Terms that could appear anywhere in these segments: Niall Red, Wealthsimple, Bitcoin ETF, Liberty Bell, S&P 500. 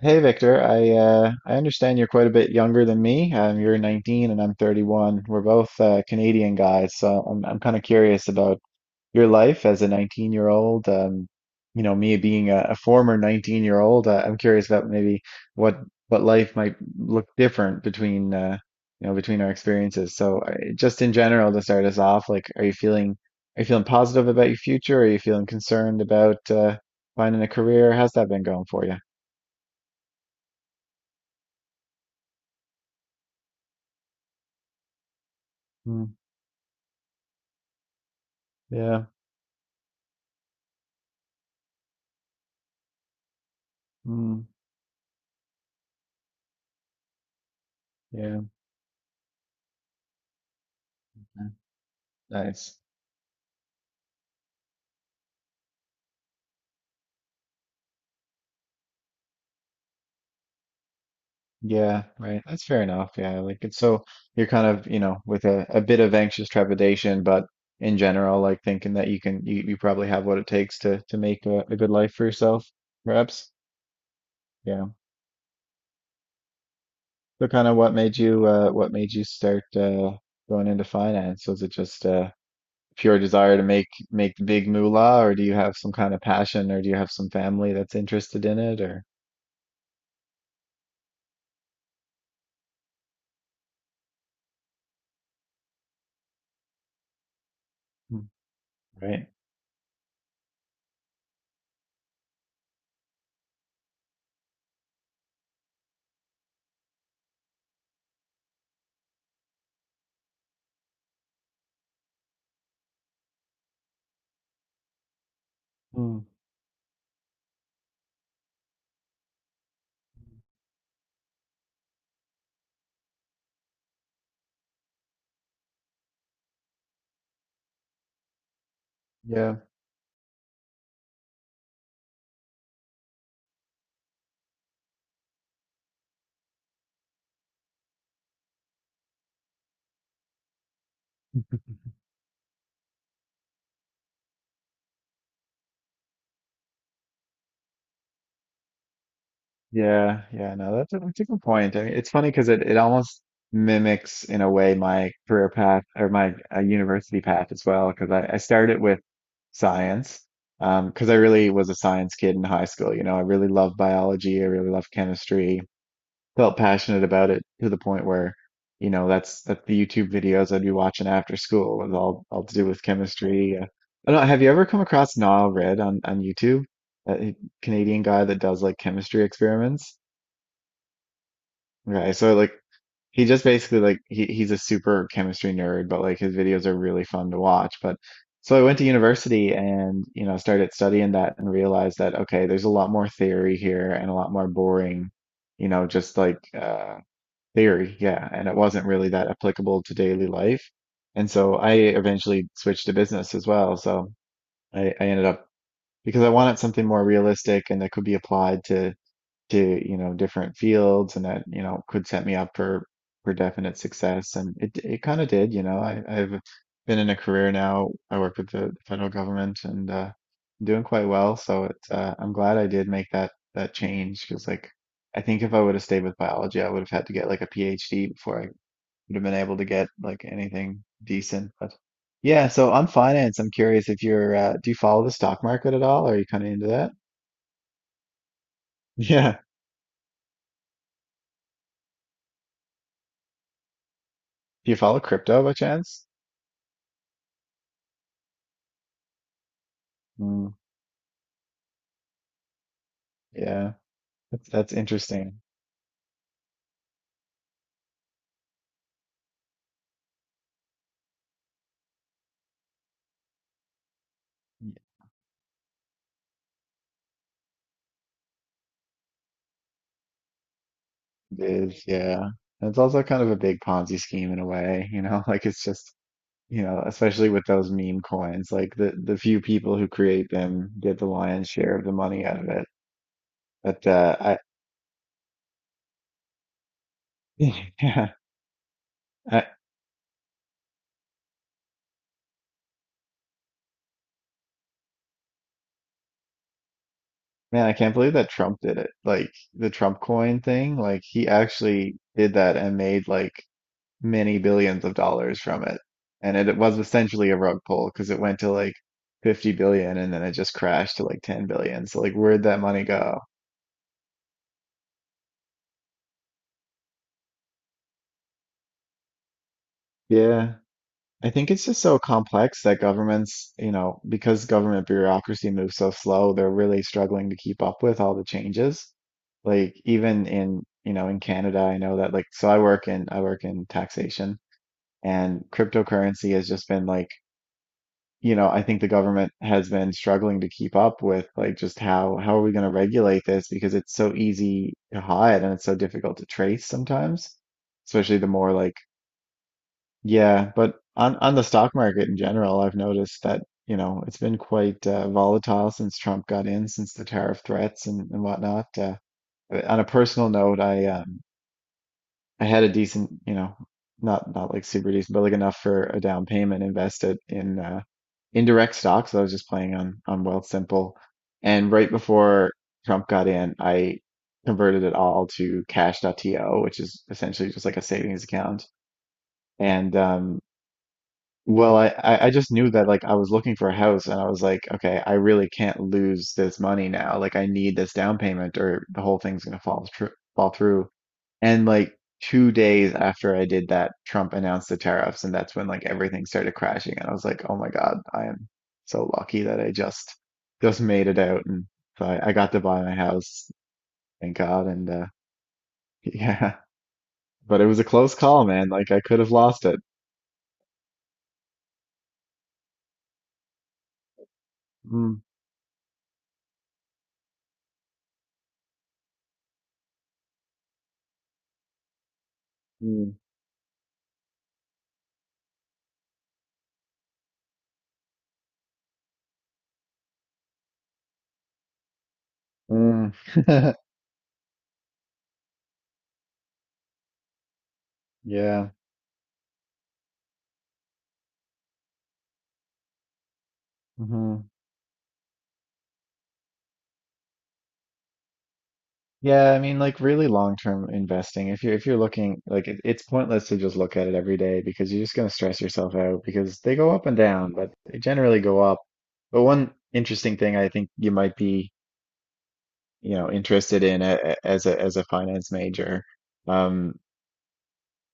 Hey Victor, I understand you're quite a bit younger than me. You're 19 and I'm 31. We're both Canadian guys, so I'm kind of curious about your life as a 19-year-old. Me being a former 19-year-old, I'm curious about maybe what what life might look different between you know between our experiences. So just in general, to start us off, like, are you feeling positive about your future? Are you feeling concerned about finding a career? How's that been going for you? Mm. Yeah. Mm, yeah, yeah, nice. Yeah, right. That's fair enough. Yeah, like it's so you're kind of, with a bit of anxious trepidation, but in general, like thinking that you can, you probably have what it takes to make a good life for yourself, perhaps. Yeah. So kind of what made you start going into finance? Was it just pure desire to make the big moolah, or do you have some kind of passion, or do you have some family that's interested in it, or? Mm, right? Mm, yeah. Yeah, yeah, no, that's a good point. I mean, it's funny because it almost mimics in a way my career path or my university path as well. Because I started with science, because I really was a science kid in high school. You know, I really loved biology. I really loved chemistry. Felt passionate about it to the point where, that's the YouTube videos I'd be watching after school was all to do with chemistry. I don't know. Have you ever come across Niall Red on YouTube? That Canadian guy that does like chemistry experiments? Okay, so like he just basically like he's a super chemistry nerd, but like his videos are really fun to watch. But so I went to university and started studying that and realized that okay, there's a lot more theory here and a lot more boring, just like theory, yeah, and it wasn't really that applicable to daily life. And so I eventually switched to business to different fields and that could set me up for definite success. And it kind of did. I've been in a career now. I work with the federal government and doing quite well. So it's I'm glad I did make that change because like I think if I would have stayed with biology I would have had to get like a PhD before I would have been able to get like anything decent. But yeah, so on finance I'm curious if you're do you follow the stock market at all? Are you kind of into that? Yeah. Do you follow crypto by chance? Mm, yeah, that's interesting. It is, yeah. And it's also kind of a big Ponzi scheme in a way, like it's just, especially with those meme coins, like the few people who create them get the lion's share of the money out of it. But I yeah, I man, I can't believe that Trump did it. Like the Trump coin thing, like he actually did that and made like many billions of dollars from it. And it was essentially a rug pull because it went to like 50 billion and then it just crashed to like 10 billion. So like where'd that money go? Yeah. I think it's just so complex that governments, because government bureaucracy moves so slow, they're really struggling to keep up with all the changes. Like even in Canada, I know that like so I work in taxation and cryptocurrency has just been like I think the government has been struggling to keep up with like just how are we going to regulate this because it's so easy to hide and it's so difficult to trace sometimes, especially the more like yeah, but on the stock market in general, I've noticed that, it's been quite volatile since Trump got in, since the tariff threats and whatnot. On a personal note, I had a decent, not like super decent, but like enough for a down payment invested in indirect stocks. I was just playing on Wealthsimple. And right before Trump got in, I converted it all to Cash. Dot To, which is essentially just like a savings account. And well, I just knew that like I was looking for a house and I was like, okay, I really can't lose this money now. Like I need this down payment or the whole thing's gonna fall through. And like 2 days after I did that, Trump announced the tariffs and that's when like everything started crashing and I was like, oh my God, I am so lucky that I just made it out. And so I got to buy my house, thank God. And Yeah. But it was a close call, man. Like I could have lost it. Mm. Mm. Mm. Yeah. Hmm. Yeah, I mean, like really long-term investing. If you're looking, it's pointless to just look at it every day because you're just going to stress yourself out because they go up and down, but they generally go up. But one interesting thing I think you might be, interested in a- as a as a finance major, um,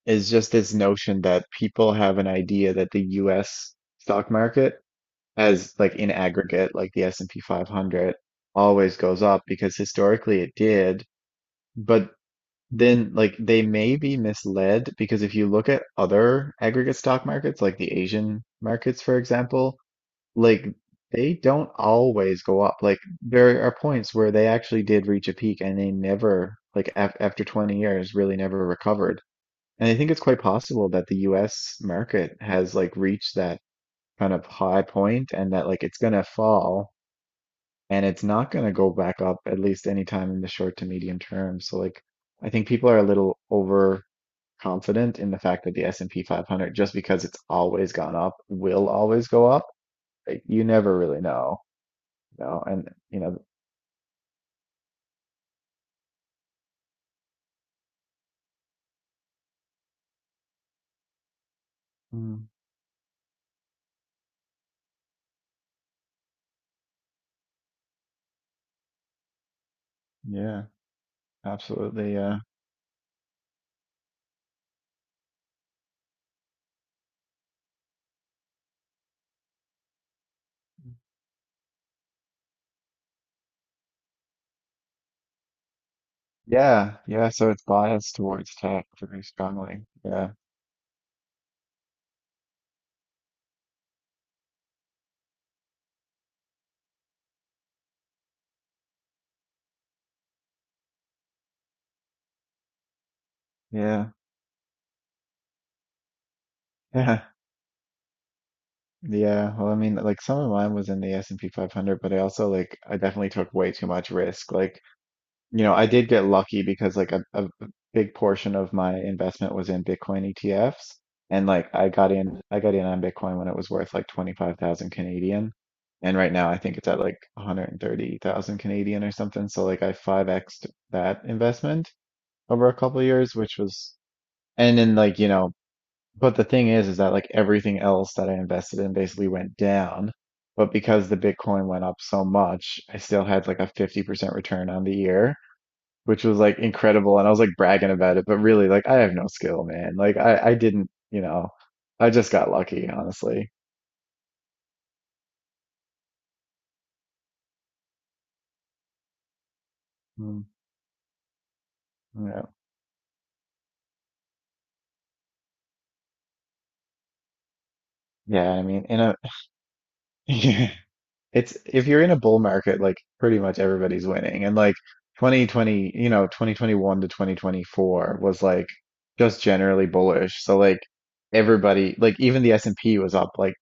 is just this notion that people have an idea that the U.S. stock market, as like in aggregate, like the S&P 500, always goes up because historically it did. But then like they may be misled because if you look at other aggregate stock markets, like the Asian markets, for example, like they don't always go up. Like there are points where they actually did reach a peak and they never, like af after 20 years, really never recovered. And I think it's quite possible that the US market has like reached that kind of high point and that like it's gonna fall and it's not going to go back up at least anytime in the short to medium term. So like I think people are a little overconfident in the fact that the S&P 500 just because it's always gone up will always go up. Like, you never really know, you know, and you know mm, yeah, absolutely yeah. Yeah, yeah, so it's biased towards tech very strongly. Yeah. Yeah. Yeah. Yeah, well, I mean, like some of mine was in the S&P 500, but I also like I definitely took way too much risk. Like I did get lucky because like a big portion of my investment was in Bitcoin ETFs. And like I got in on Bitcoin when it was worth like 25,000 Canadian. And right now I think it's at like 130,000 Canadian or something. So like I 5X'd that investment over a couple of years, which was and then like, but the thing is that like everything else that I invested in basically went down. But because the Bitcoin went up so much, I still had like a 50% return on the year which was like incredible. And I was like bragging about it, but really, like, I have no skill, man. Like, I didn't, I just got lucky, honestly. Mm, yeah. Yeah, I mean, yeah, if you're in a bull market, like, pretty much everybody's winning. And like 2020, 2021 to 2024 was like just generally bullish. So like everybody, like even the S&P was up like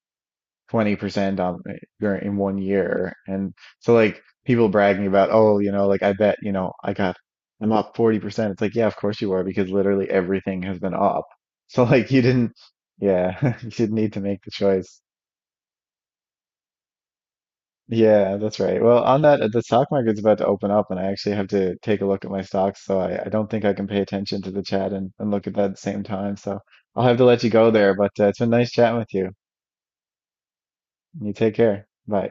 20% in one year. And so like people bragging about, oh, like I bet, I'm up 40%. It's like, yeah, of course you are because literally everything has been up. So like you didn't yeah, you didn't need to make the choice. Yeah, that's right. Well, on that, the stock market's about to open up, and I actually have to take a look at my stocks, so I don't think I can pay attention to the chat and look at that at the same time. So I'll have to let you go there, but it's been nice chatting with you. You take care. Bye.